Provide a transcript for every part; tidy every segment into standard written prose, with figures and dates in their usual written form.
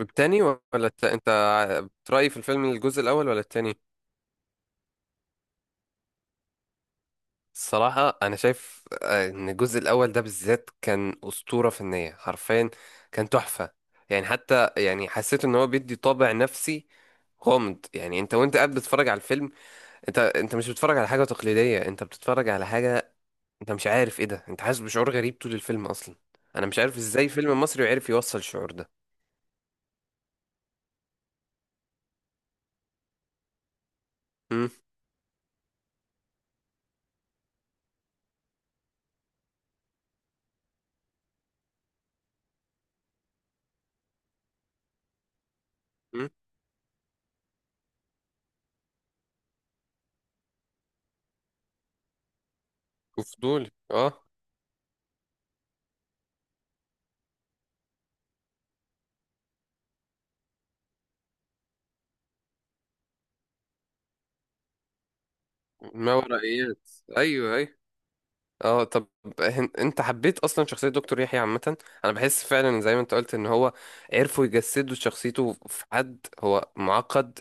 التاني ولا انت بترأي في الفيلم الجزء الاول ولا التاني؟ الصراحة أنا شايف إن الجزء الأول ده بالذات كان أسطورة فنية حرفيا. كان تحفة. يعني حتى يعني حسيت إن هو بيدي طابع نفسي غامض. يعني أنت وأنت قاعد بتتفرج على الفيلم. أنت مش بتتفرج على حاجة تقليدية، أنت بتتفرج على حاجة. أنت مش عارف إيه ده، أنت حاسس بشعور غريب طول الفيلم أصلا. أنا مش عارف إزاي فيلم مصري عرف يوصل الشعور ده. امم. وفضولي، اه. ما ورائيات. ايوه، ايوه. اه، طب. انت حبيت اصلا شخصية دكتور يحيى عامة؟ انا بحس فعلا زي ما انت قلت ان هو عرفوا يجسدوا شخصيته في حد هو معقد.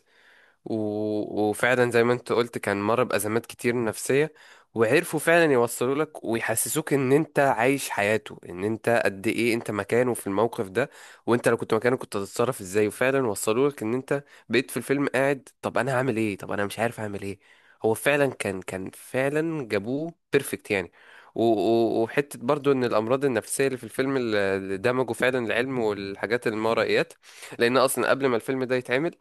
وفعلا زي ما انت قلت كان مر بأزمات كتير نفسية. وعرفوا فعلا يوصلوا لك ويحسسوك ان انت عايش حياته، ان انت قد ايه انت مكانه في الموقف ده. وانت لو كنت مكانه كنت هتتصرف ازاي، وفعلا وصلوا لك ان انت بقيت في الفيلم قاعد، طب انا هعمل ايه، طب انا مش عارف اعمل ايه. هو فعلا كان فعلا جابوه بيرفكت يعني. وحتة برضو ان الامراض النفسية اللي في الفيلم اللي دمجوا فعلا العلم والحاجات المورائيات. لان اصلا قبل ما الفيلم ده يتعمل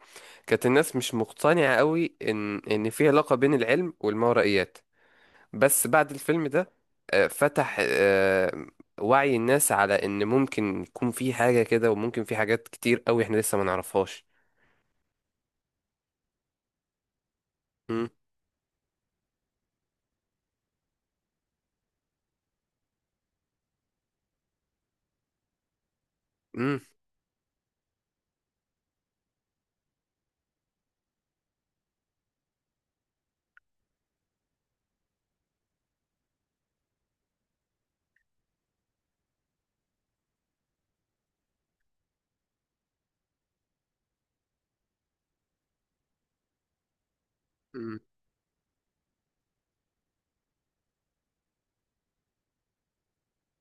كانت الناس مش مقتنعة قوي إن في علاقة بين العلم والماورائيات. بس بعد الفيلم ده فتح وعي الناس على إن ممكن يكون في حاجة كده، وممكن في حاجات كتير قوي إحنا لسه ما نعرفهاش. مم. مم. مم.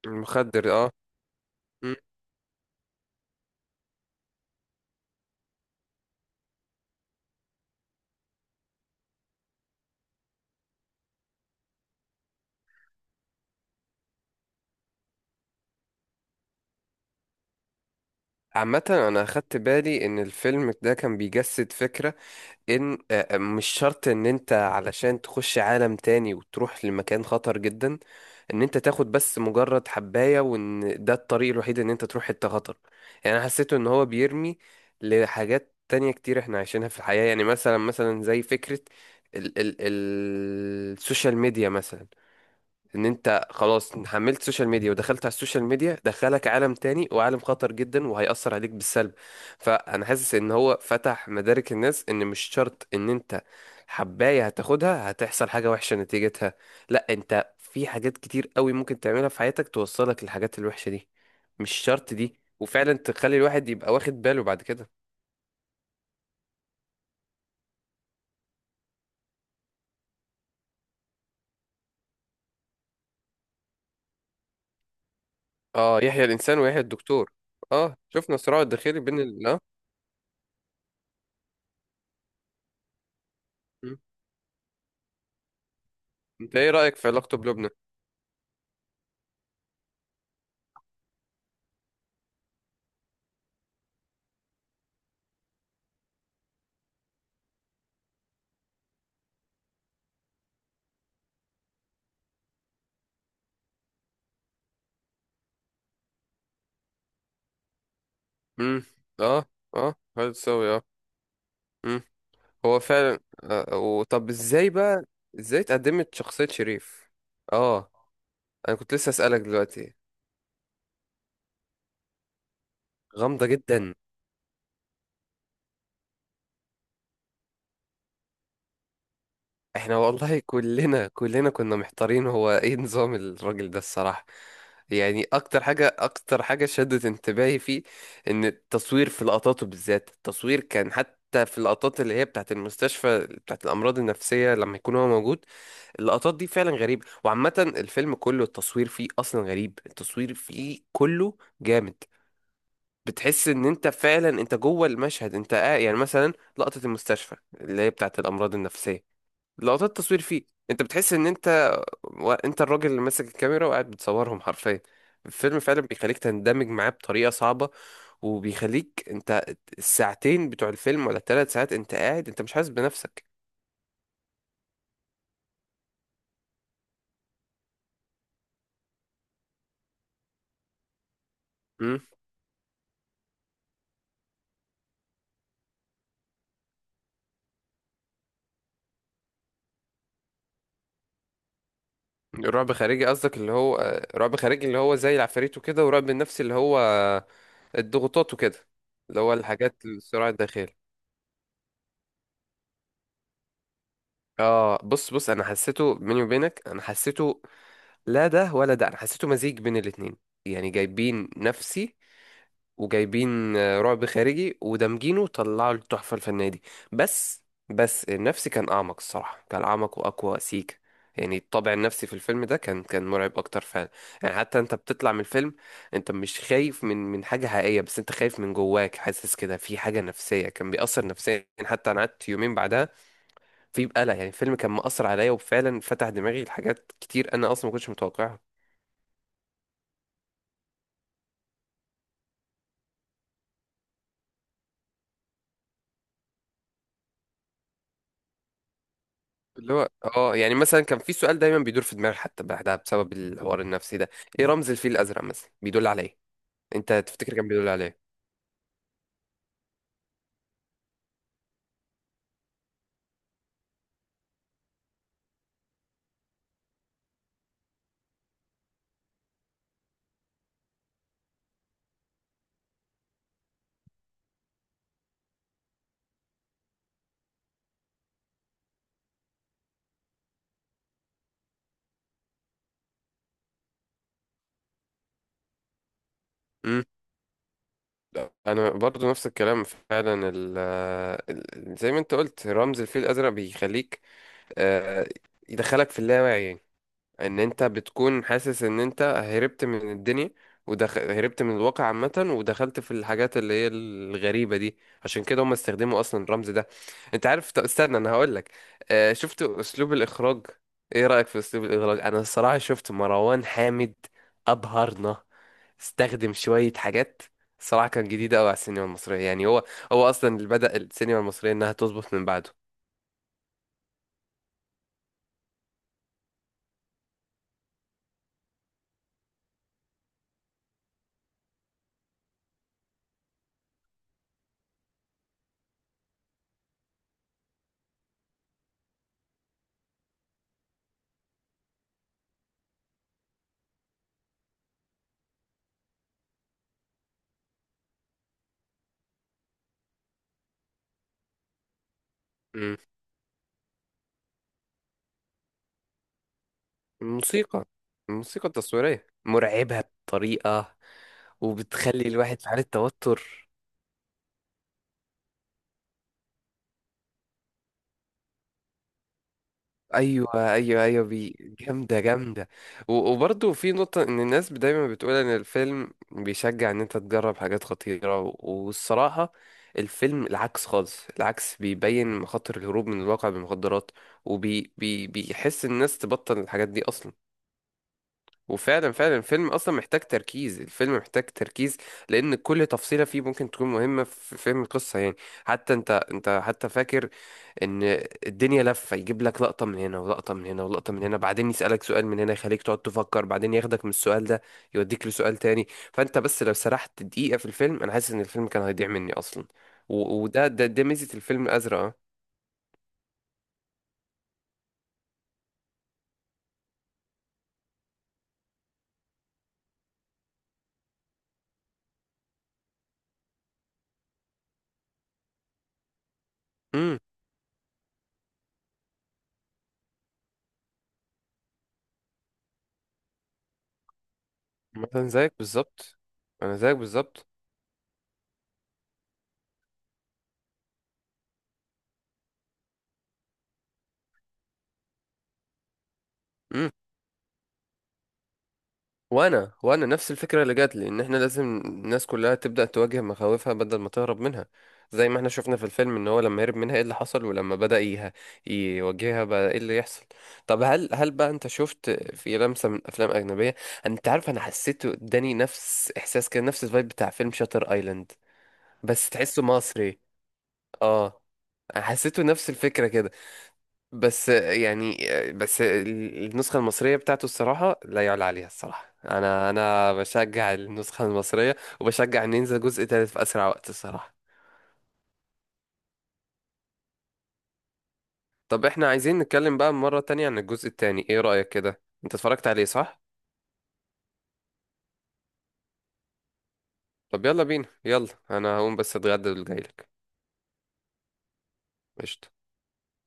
المخدر، آه. مم. عامة أنا أخدت بالي إن الفيلم ده كان بيجسد فكرة إن مش شرط إن أنت علشان تخش عالم تاني وتروح لمكان خطر جدا. ان انت تاخد بس مجرد حباية، وان ده الطريق الوحيد ان انت تروح حتة خطر. يعني انا حسيته ان هو بيرمي لحاجات تانية كتير احنا عايشينها في الحياة. يعني مثلا زي فكرة ال السوشيال ميديا مثلا. ان انت خلاص حملت سوشيال ميديا ودخلت على السوشيال ميديا، دخلك عالم تاني، وعالم خطر جدا وهيأثر عليك بالسلب. فانا حاسس ان هو فتح مدارك الناس ان مش شرط ان انت حباية هتاخدها هتحصل حاجة وحشة نتيجتها. لا، انت في حاجات كتير قوي ممكن تعملها في حياتك توصلك للحاجات الوحشة دي. مش شرط دي، وفعلا تخلي الواحد يبقى واخد باله بعد كده. اه، يحيى الانسان ويحيى الدكتور. اه، شفنا صراع الداخلي بين ال اه م. انت ايه رأيك في علاقته بلبنى؟ امم. اه، اه. هتساوي، اه. امم. هو فعلا وطب ازاي بقى؟ ازاي اتقدمت شخصية شريف؟ اه. انا كنت لسه اسألك دلوقتي. غامضة جدا. احنا والله كلنا كنا محتارين، هو ايه نظام الراجل ده الصراحة. يعني اكتر حاجة شدت انتباهي فيه. ان التصوير في لقطاته بالذات التصوير كان حتى في اللقطات اللي هي بتاعت المستشفى، بتاعت الامراض النفسية، لما يكون هو موجود. اللقطات دي فعلا غريبة، وعامة الفيلم كله التصوير فيه أصلا غريب، التصوير فيه كله جامد. بتحس إن أنت فعلا أنت جوه المشهد، أنت قاعد يعني مثلا. لقطة المستشفى اللي هي بتاعة الأمراض النفسية، لقطات التصوير فيه. أنت بتحس إن أنت أنت الراجل اللي ماسك الكاميرا وقاعد بتصورهم حرفيا. الفيلم فعلا بيخليك تندمج معاه بطريقة صعبة. وبيخليك أنت الساعتين بتوع الفيلم ولا الثلاث ساعات أنت قاعد أنت مش حاسس بنفسك. امم؟ رعب خارجي قصدك اللي هو رعب خارجي اللي هو زي العفاريت وكده، ورعب النفسي اللي هو الضغوطات وكده. اللي هو الحاجات، الصراع الداخلي. اه، بص بص، انا حسيته بيني وبينك انا حسيته. لا ده ولا ده، انا حسيته مزيج بين الاتنين. يعني جايبين نفسي وجايبين رعب خارجي، ودمجينه طلعوا التحفة الفنية دي. بس بس النفسي كان أعمق الصراحة، كان أعمق وأقوى سيكا. يعني الطابع النفسي في الفيلم ده كان مرعب أكتر فعلا. يعني حتى أنت بتطلع من الفيلم أنت مش خايف من حاجة حقيقية، بس أنت خايف من جواك حاسس كده في حاجة نفسية كان بيأثر نفسيا، حتى أنا قعدت يومين بعدها في بقلق. يعني الفيلم كان مأثر عليا، وفعلا فتح دماغي لحاجات كتير أنا أصلا ما كنتش متوقعها. اللي هو اه يعني مثلا كان في سؤال دايما بيدور في دماغي حتى بعدها بسبب الحوار النفسي ده. ايه رمز الفيل الازرق مثلا بيدل على ايه؟ انت تفتكر كان بيدل على ايه؟ امم. انا برضو نفس الكلام فعلا زي ما انت قلت رمز الفيل الازرق بيخليك آه، يدخلك في اللاوعي يعني. ان انت بتكون حاسس ان انت هربت من الدنيا، هربت من الواقع عامة ودخلت في الحاجات اللي هي الغريبة دي. عشان كده هم استخدموا اصلا الرمز ده. انت عارف، طب استنى انا هقول لك. شفت اسلوب الاخراج؟ ايه رأيك في اسلوب الاخراج؟ انا الصراحة شفت مروان حامد ابهرنا. استخدم شوية حاجات الصراحة كان جديدة قوي على السينما المصرية، يعني هو اصلا اللي بدأ السينما المصرية انها تظبط من بعده. مم. الموسيقى الموسيقى التصويرية مرعبة بطريقة. وبتخلي الواحد في حالة توتر. ايوه، ايوه، ايوه، جامده جامده. وبرضه في نقطه ان الناس دايما بتقول ان الفيلم بيشجع ان انت تجرب حاجات خطيره، والصراحه الفيلم العكس خالص، العكس بيبين مخاطر الهروب من الواقع بالمخدرات. وبي بي بيحس الناس تبطل الحاجات دي اصلا. وفعلا فعلا الفيلم اصلا محتاج تركيز، الفيلم محتاج تركيز. لان كل تفصيله فيه ممكن تكون مهمه في فهم القصه يعني. حتى انت حتى فاكر ان الدنيا لفه يجيب لك لقطه من هنا ولقطه من هنا ولقطه من هنا، بعدين يسالك سؤال من هنا يخليك تقعد تفكر، بعدين ياخدك من السؤال ده يوديك لسؤال تاني. فانت بس لو سرحت دقيقه في الفيلم انا حاسس ان الفيلم كان هيضيع مني اصلا. و- وده ده ده ميزه الفيلم الازرق، اه. امم. مثلا زيك بالظبط. انا زيك بالظبط. مم. وانا نفس الفكره اللي جات لي ان احنا لازم الناس كلها تبدا تواجه مخاوفها بدل ما تهرب منها. زي ما احنا شفنا في الفيلم ان هو لما هرب منها ايه اللي حصل، ولما بدا يواجهها بقى ايه اللي يحصل. طب هل بقى انت شفت في لمسه من افلام اجنبيه؟ انت عارف انا حسيت اداني نفس احساس كده، نفس الفايب بتاع فيلم شاتر ايلاند. بس تحسه مصري. اه. أنا حسيته نفس الفكره كده. بس يعني، بس النسخة المصرية بتاعته الصراحة لا يعلى عليها الصراحة، أنا بشجع النسخة المصرية. وبشجع إن ينزل جزء تالت في أسرع وقت الصراحة. طب إحنا عايزين نتكلم بقى مرة تانية عن الجزء التاني، إيه رأيك كده؟ أنت اتفرجت عليه صح؟ طب يلا بينا، يلا أنا هقوم بس أتغدى وجايلك. قشطة.